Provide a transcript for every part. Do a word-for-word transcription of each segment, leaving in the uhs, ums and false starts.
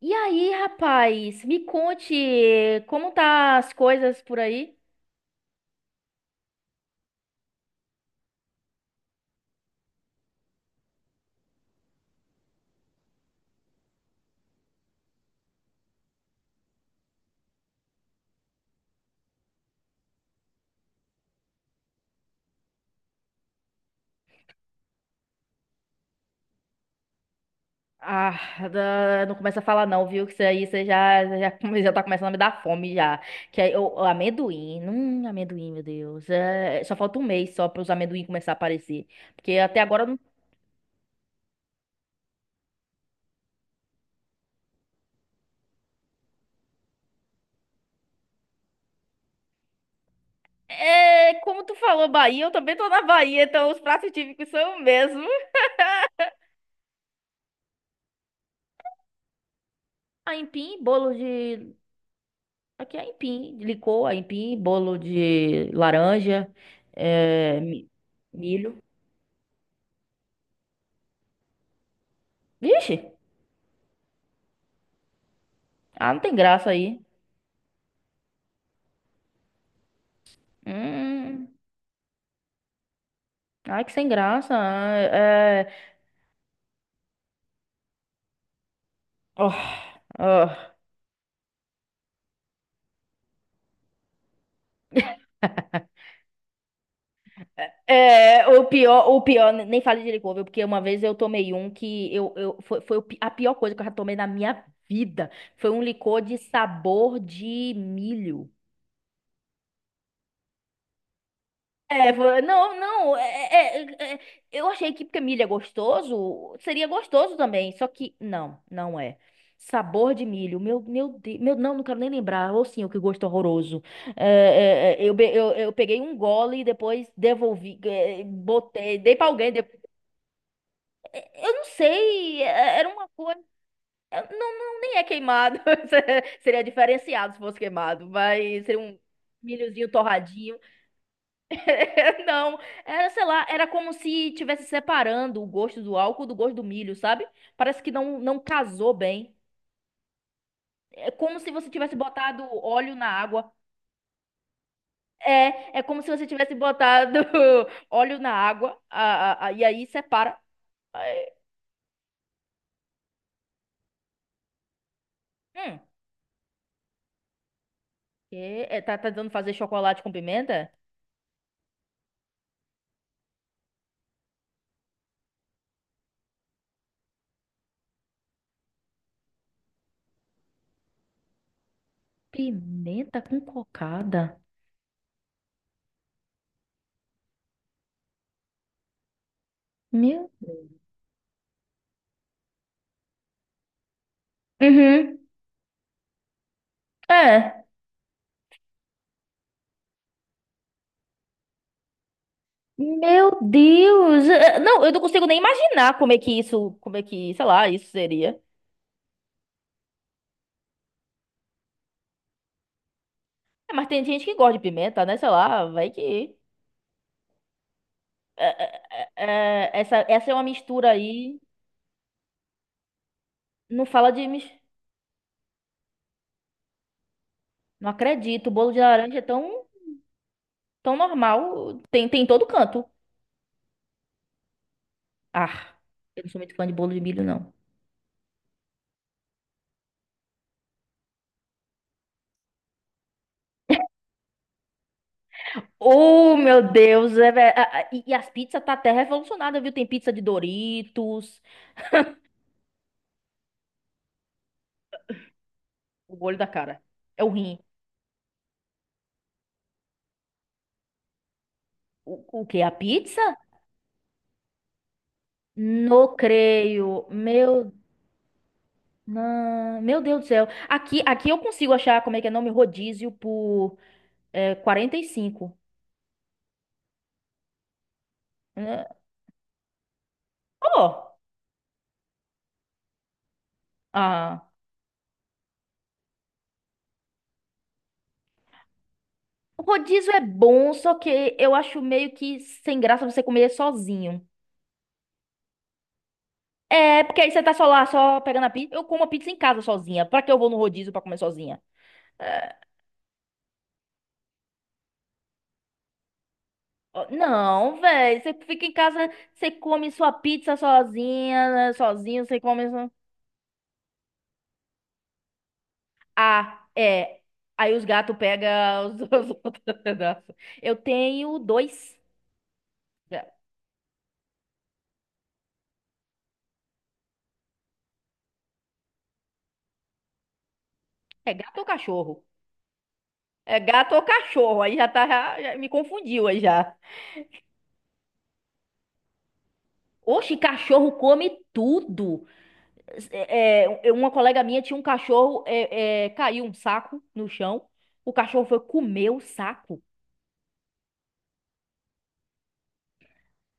E aí, rapaz, me conte como tá as coisas por aí? Ah, da- não começa a falar não, viu? Que isso aí você já, já, já já tá começando a me dar fome já. Que aí, o, o amendoim, hum, amendoim, meu Deus. É, só falta um mês só para os amendoim começar a aparecer. Porque até agora não. É, como tu falou, Bahia, eu também tô na Bahia, então os pratos típicos são o mesmo. Aipim, bolo de. Aqui é aipim, de licor, aipim, bolo de laranja, é, mi- milho. Vixe, ah, não tem graça aí. Hum, ai, que sem graça. É, é, oh, oh. É, o pior, o pior, nem fale de licor, viu? Porque uma vez eu tomei um que eu, eu, foi, foi o pi- a pior coisa que eu já tomei na minha vida. Foi um licor de sabor de milho. É, foi- não, não, é, é- é- é, eu achei que porque milho é gostoso, seria gostoso também, só que não, não é. Sabor de milho, meu, meu Deus, meu, não, não quero nem lembrar, ou sim, o que gosto horroroso. É, é, é, eu, be- eu, eu peguei um gole e depois devolvi, é, botei, dei pra alguém, de- eu não sei, é, era uma coisa, eu- não, não, nem é queimado, seria diferenciado se fosse queimado, mas seria um milhozinho torradinho. Não, era, sei lá, era como se tivesse separando o gosto do álcool do gosto do milho, sabe? Parece que não, não casou bem. É como se você tivesse botado óleo na água. É, é como se você tivesse botado óleo na água, a, a- a- e aí separa. Aí, Hum, que- é, tá, tá tentando fazer chocolate com pimenta? Pimenta com cocada. Meu. Uhum. É. Meu Deus. É, não, eu não consigo nem imaginar como é que isso, como é que, sei lá, isso seria. É, mas tem gente que gosta de pimenta, né? Sei lá, vai que. É, é, é, é, essa, essa é uma mistura aí. Não fala de. mis- Não acredito. O bolo de laranja é tão, tão normal. Tem, tem em todo canto. Ah, eu não sou muito fã de bolo de milho, não. Oh, meu Deus. É, ve- a- a- e, e as pizzas tá até revolucionada, viu? Tem pizza de Doritos. O olho da cara. É o rim. O, o quê? A pizza? Não creio. Meu Não, meu Deus do céu. Aqui, aqui eu consigo achar, como é que é o nome? Rodízio por é, quarenta e cinco. Né? Oh, ah, o rodízio é bom, só que eu acho meio que sem graça você comer sozinho. É, porque aí você tá só lá, só pegando a pizza. Eu como a pizza em casa sozinha. Pra que eu vou no rodízio pra comer sozinha? É, ó, não, velho. Você fica em casa, você come sua pizza sozinha, né, sozinho, você come. Ah, é. Aí os gatos pegam os, os outros pedaços. Eu tenho dois. É gato ou cachorro? É gato ou cachorro? Aí já tá, já, já me confundiu aí já. Oxe, cachorro come tudo. É, é, uma colega minha tinha um cachorro, é, é, caiu um saco no chão. O cachorro foi comer o saco.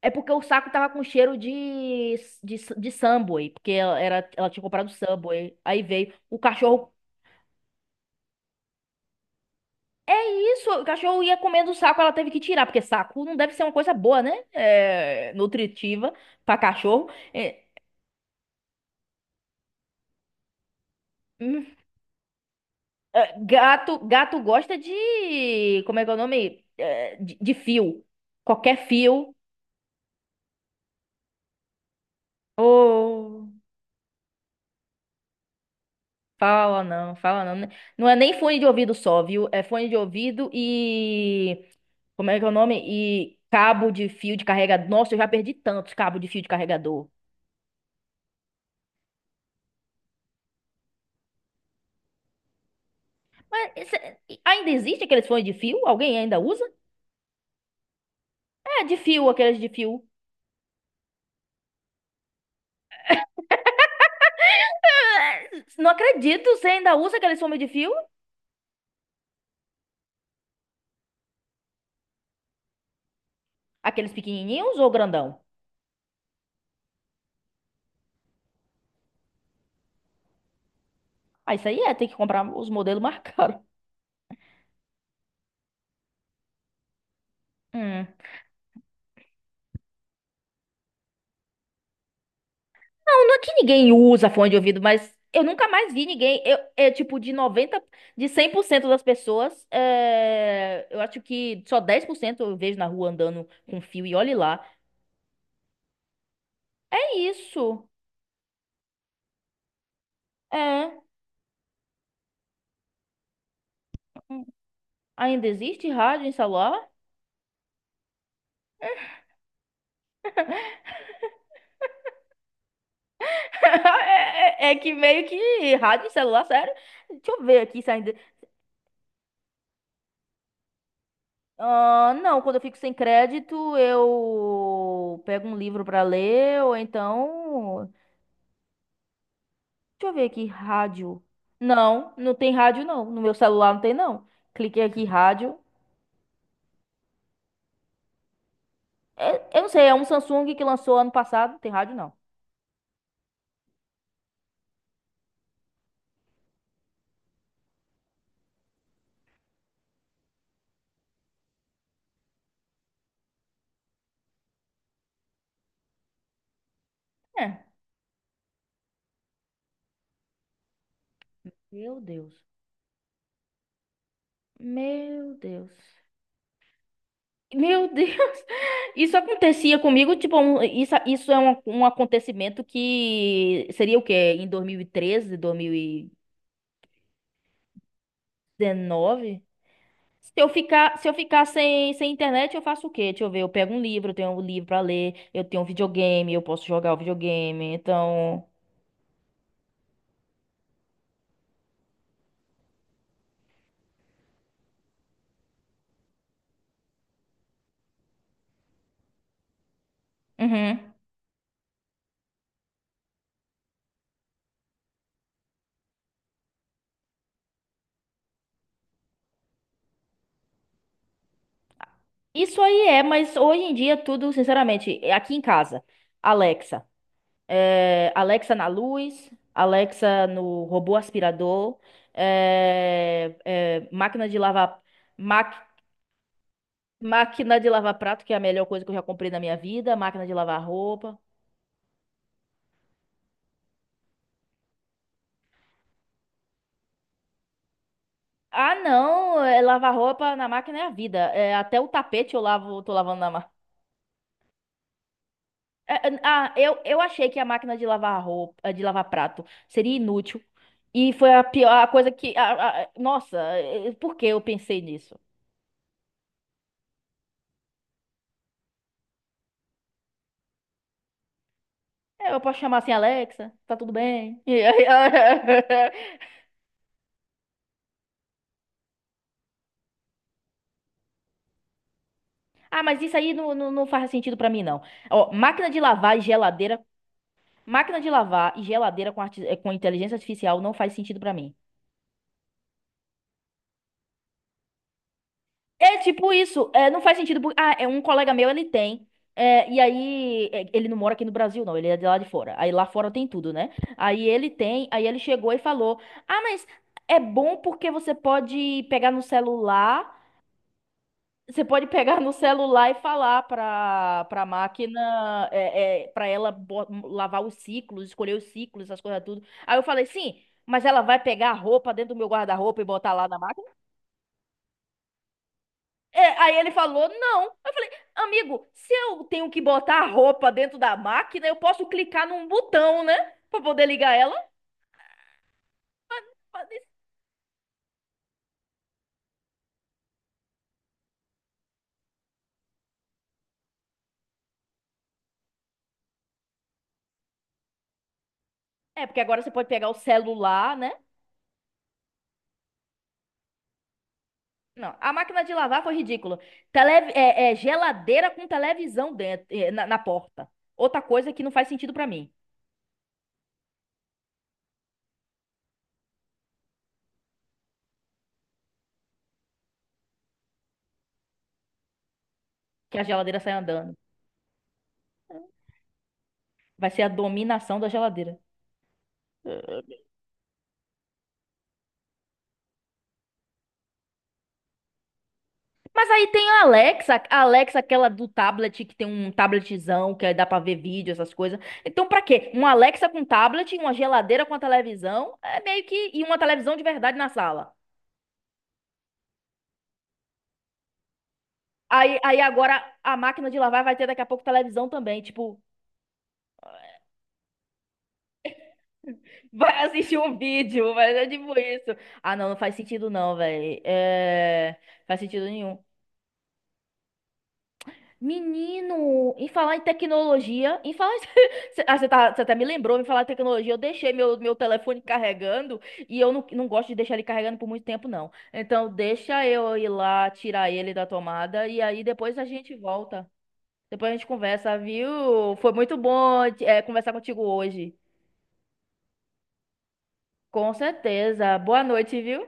É porque o saco tava com cheiro de, de, de Subway, porque ela, era, ela tinha comprado Subway. Aí veio, o cachorro. Isso, o cachorro ia comendo o saco, ela teve que tirar, porque saco não deve ser uma coisa boa, né? É, nutritiva pra cachorro. É, hum, é, gato, gato gosta de, como é que é o nome? É, de, de fio. Qualquer fio. Ô, fala não, fala não, né? Não é nem fone de ouvido só, viu? É fone de ouvido e, como é que é o nome? E cabo de fio de carregador. Nossa, eu já perdi tantos cabos de fio de carregador. Mas esse- ainda existe aqueles fones de fio? Alguém ainda usa? É de fio, aqueles de fio. É, não acredito, você ainda usa aqueles fomes de fio? Aqueles pequenininhos ou grandão? Ah, isso aí é, tem que comprar os modelos mais caros. Hum. Não, não é que ninguém usa fone de ouvido, mas eu nunca mais vi ninguém. Eu, é tipo de noventa de cem por cento das pessoas, é, eu acho que só dez por cento eu vejo na rua andando com fio e olhe lá. É isso. É. Ainda existe rádio em celular? É, é que meio que rádio e celular, sério? Deixa eu ver aqui se ainda. Ah, não, quando eu fico sem crédito, eu pego um livro pra ler, ou então. Deixa eu ver aqui, rádio. Não, não tem rádio, não. No meu celular não tem, não. Cliquei aqui, rádio. É, eu não sei, é um Samsung que lançou ano passado, não tem rádio, não. É. Meu Deus. Meu Deus. Meu Deus, isso acontecia comigo, tipo, um- isso, isso é um, um acontecimento que seria o quê? Em dois mil e treze, dois mil e dezenove? Se eu ficar, se eu ficar sem, sem internet, eu faço o quê? Deixa eu ver, eu pego um livro, eu tenho um livro pra ler, eu tenho um videogame, eu posso jogar o videogame, então. Uhum. Isso aí é, mas hoje em dia tudo, sinceramente, é aqui em casa, Alexa. é, Alexa na luz, Alexa no robô aspirador, é, é, máquina de lavar, maqui- máquina de lavar prato, que é a melhor coisa que eu já comprei na minha vida, máquina de lavar roupa. Ah, não, é, lavar roupa na máquina é a vida. É, até o tapete eu lavo, tô lavando na máquina. Ah, eu, eu achei que a máquina de lavar roupa, de lavar prato seria inútil. E foi a pior a coisa que. A- a- nossa, eh, por que eu pensei nisso? É, eu posso chamar assim, Alexa, tá tudo bem? Ah, mas isso aí não, não, não faz sentido pra mim, não. Ó, máquina de lavar e geladeira. Máquina de lavar e geladeira com, arti- eh, com inteligência artificial não faz sentido pra mim. É tipo isso, é, não faz sentido. por- Ah, é um colega meu, ele tem. É, e aí, é, ele não mora aqui no Brasil, não, ele é de lá de fora. Aí lá fora tem tudo, né? Aí ele tem, aí ele chegou e falou: Ah, mas é bom porque você pode pegar no celular. Você pode pegar no celular e falar para para a máquina, é, para ela bo- lavar os ciclos, escolher os ciclos, essas coisas tudo. Aí eu falei, sim, mas ela vai pegar a roupa dentro do meu guarda-roupa e botar lá na máquina? É, aí ele falou, não. Eu falei, amigo, se eu tenho que botar a roupa dentro da máquina, eu posso clicar num botão, né? Para poder ligar ela. Mas- mas- isso- É, porque agora você pode pegar o celular, né? Não, a máquina de lavar foi ridícula. Tele, é, é geladeira com televisão dentro, é, na, na porta. Outra coisa que não faz sentido pra mim, que a geladeira sai andando. Vai ser a dominação da geladeira. Mas aí tem a Alexa, a Alexa aquela do tablet, que tem um tabletzão, que aí dá pra ver vídeo, essas coisas. Então, pra quê? Uma Alexa com tablet, uma geladeira com a televisão, é meio que. E uma televisão de verdade na sala. Aí, aí agora a máquina de lavar vai ter daqui a pouco televisão também. Tipo, vai assistir um vídeo, mas é tipo isso. Ah, não, não faz sentido não, velho. É. Faz sentido nenhum. Menino, em falar em tecnologia, em falar em. Cê- Ah, você tá, você até me lembrou, em falar em tecnologia, eu deixei meu, meu telefone carregando e eu não, não gosto de deixar ele carregando por muito tempo, não. Então, deixa eu ir lá tirar ele da tomada e aí depois a gente volta. Depois a gente conversa, viu? Foi muito bom, é, conversar contigo hoje. Com certeza. Boa noite, viu?